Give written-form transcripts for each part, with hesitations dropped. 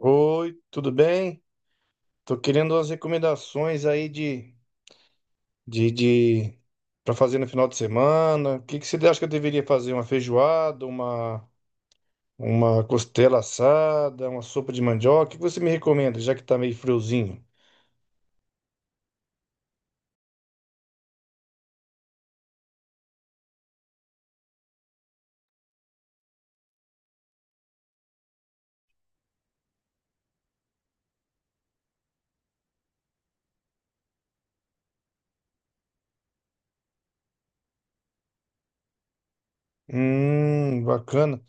Oi, tudo bem? Tô querendo umas recomendações aí de para fazer no final de semana. O que que você acha que eu deveria fazer? Uma feijoada, uma costela assada, uma sopa de mandioca? O que que você me recomenda, já que tá meio friozinho? Bacana.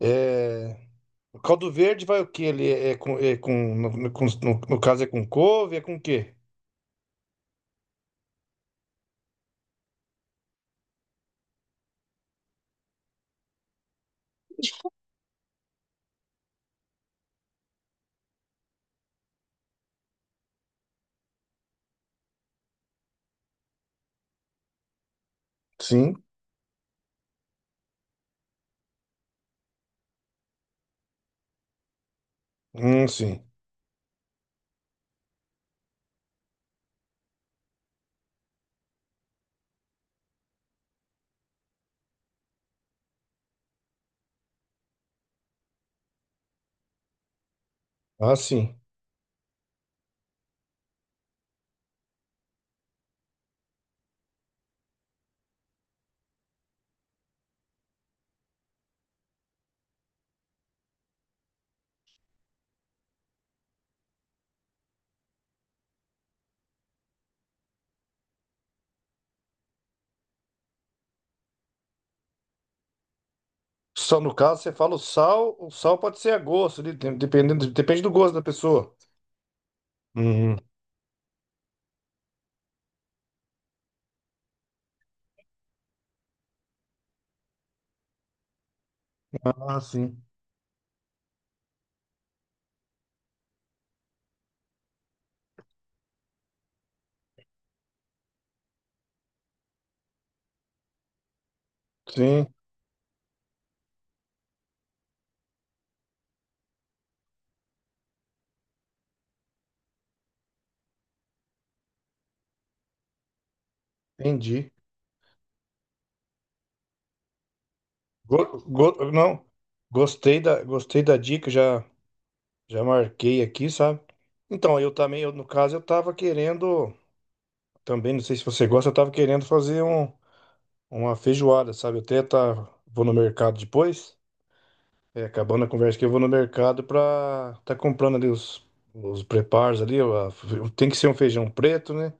É, o caldo verde vai o quê? Ele é com, é com no caso é com couve, é com o quê? Sim. Sim. Ah, sim. Só no caso, você fala o sal pode ser a gosto, ali, dependendo, depende do gosto da pessoa. Uhum. Ah, sim. Sim, entendi. Não, gostei da dica, já, já marquei aqui, sabe? Então, no caso, eu tava querendo, também, não sei se você gosta, eu tava querendo uma feijoada, sabe? Vou no mercado depois, é, acabando a conversa que eu vou no mercado pra tá comprando ali os preparos ali, ó, tem que ser um feijão preto, né?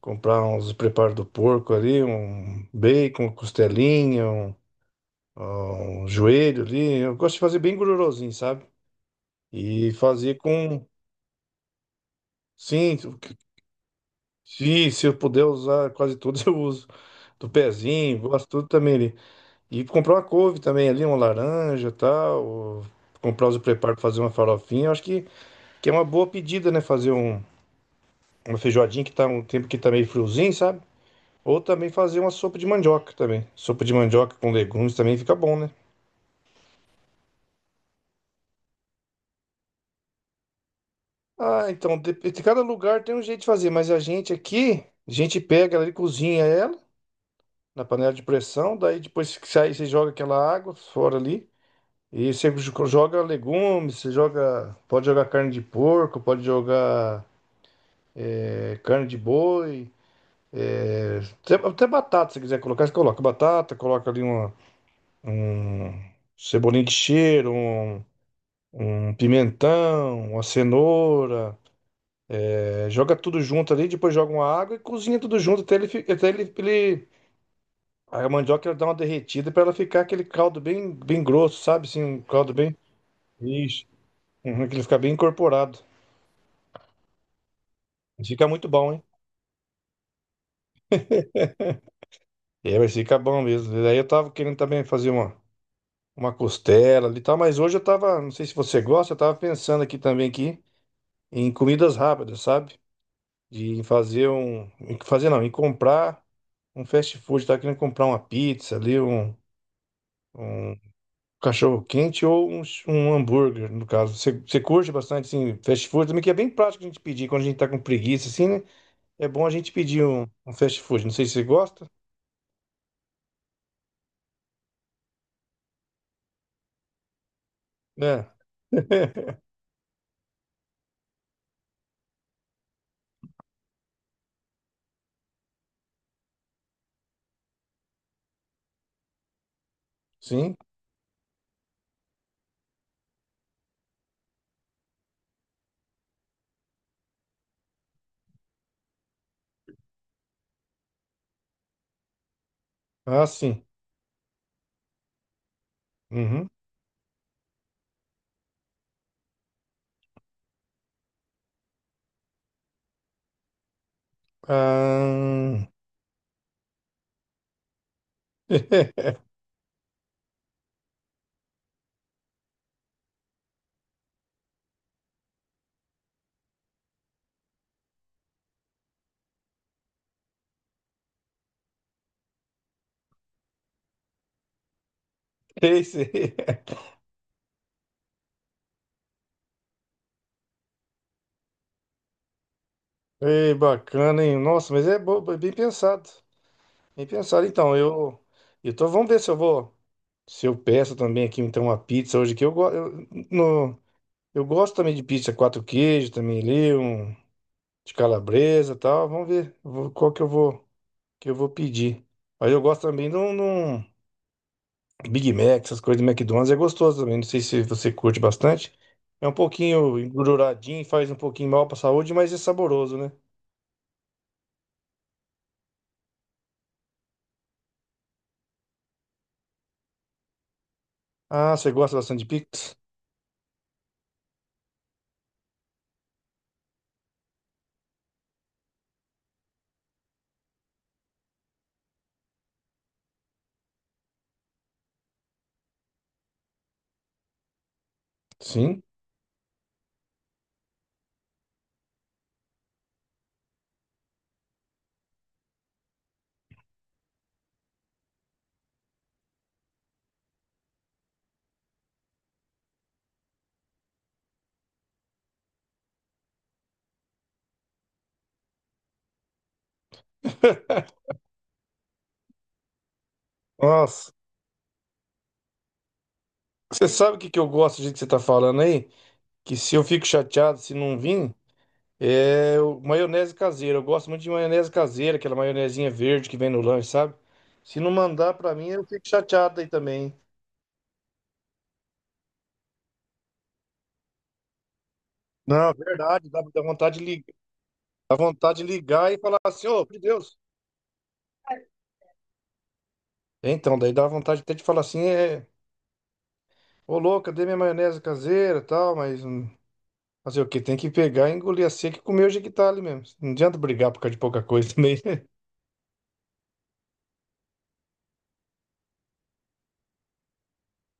Comprar uns preparos do porco ali, um bacon, costelinha, um joelho ali. Eu gosto de fazer bem gordurosinho, sabe? E fazer com. Sim, se eu puder usar quase todos, eu uso. Do pezinho, gosto tudo também ali. E comprar uma couve também ali, uma laranja e tal. Ou comprar os preparos para fazer uma farofinha. Que é uma boa pedida, né? Uma feijoadinha que tá um tempo que tá meio friozinho, sabe? Ou também fazer uma sopa de mandioca também. Sopa de mandioca com legumes também fica bom, né? Ah, então, de cada lugar tem um jeito de fazer, mas a gente aqui, a gente pega ela e cozinha ela na panela de pressão, daí depois que sai, você joga aquela água fora ali, e você joga legumes, você joga, pode jogar carne de porco, pode jogar é, carne de boi, até batata, se quiser colocar, você coloca batata, coloca ali uma, um cebolinho de cheiro, um pimentão, uma cenoura, é, joga tudo junto ali, depois joga uma água e cozinha tudo junto até ele, fi- até ele, ele- a mandioca ela dá uma derretida para ela ficar aquele caldo bem, bem grosso, sabe? Assim, um caldo bem. Isso. Uhum, que ele fica bem incorporado. Fica muito bom, hein? É, mas fica bom mesmo. E daí eu tava querendo também uma costela ali e tal, mas hoje eu tava, não sei se você gosta, eu tava pensando aqui também aqui em comidas rápidas, sabe? De fazer um, em fazer não, em comprar um fast food, tá querendo comprar uma pizza ali, um cachorro quente ou um hambúrguer, no caso. Você, você curte bastante, assim, fast food também, que é bem prático a gente pedir quando a gente tá com preguiça, assim, né? É bom a gente pedir um fast food. Não sei se você gosta. É, sim. Ah, sim. Uhum. Ah... Sei, sei. Ei, bacana, hein? Nossa, mas é, bem pensado. Bem pensado. Então, vamos ver se eu vou. Se eu peço também aqui, então, uma pizza hoje que eu, gosto eu, no, eu gosto também de pizza quatro queijos também ali, um de calabresa e tal. Vamos ver vou- qual que eu vou pedir. Aí eu gosto também de um Big Mac, essas coisas do McDonald's, é gostoso também. Não sei se você curte bastante. É um pouquinho engorduradinho, faz um pouquinho mal pra saúde, mas é saboroso, né? Ah, você gosta bastante de pizza? Sim. Nossa, você sabe o que que eu gosto do jeito que você tá falando aí? Que se eu fico chateado se não vir. Maionese caseira. Eu gosto muito de maionese caseira, aquela maionezinha verde que vem no lanche, sabe? Se não mandar pra mim, eu fico chateado aí também, hein? Não, é verdade, dá vontade de ligar, dá vontade de ligar e falar assim, ô, meu Deus. Então, daí dá vontade até de falar assim, é, ô louco, cadê minha maionese caseira, e tal, mas fazer o quê? Tem que pegar, engolir a seca e comer o jequitale mesmo. Não adianta brigar por causa de pouca coisa também.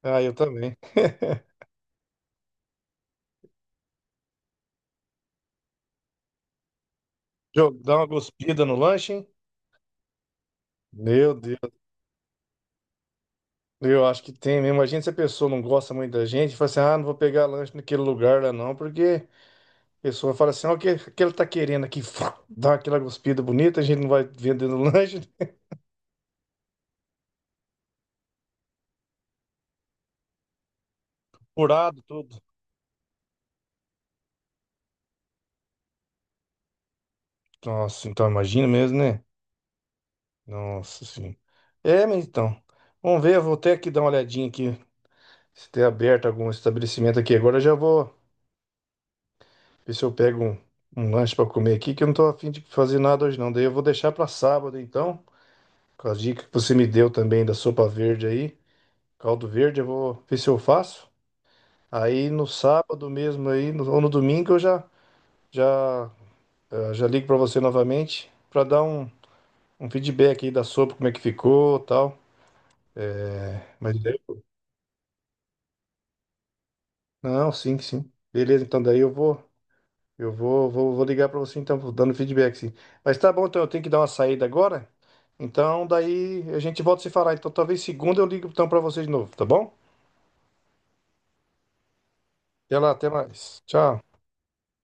Ah, eu também. Jô, dá uma cuspida no lanche, hein? Meu Deus. Eu acho que tem mesmo. Imagina se a pessoa não gosta muito da gente, fala assim, ah, não vou pegar lanche naquele lugar lá não, porque a pessoa fala assim, ó, o que ele tá querendo aqui? Fá, dá aquela cuspida bonita, a gente não vai vendendo lanche, furado tudo. Nossa, então imagina mesmo, né? Nossa, sim. É, mas então, vamos ver, eu vou até aqui dar uma olhadinha aqui, se tem aberto algum estabelecimento aqui agora, eu já vou ver se eu pego um lanche pra comer aqui, que eu não tô afim de fazer nada hoje não, daí eu vou deixar pra sábado então, com as dicas que você me deu também da sopa verde aí, caldo verde, eu vou ver se eu faço. Aí no sábado mesmo aí, ou no domingo eu já já ligo para você novamente para dar um feedback aí da sopa, como é que ficou, tal. Mas daí- não, sim, sim. Beleza, então daí vou ligar para você então, vou dando feedback sim. Mas tá bom, então eu tenho que dar uma saída agora. Então daí a gente volta a se falar. Então talvez segunda eu ligo então para você de novo, tá bom? Até lá, até mais. Tchau.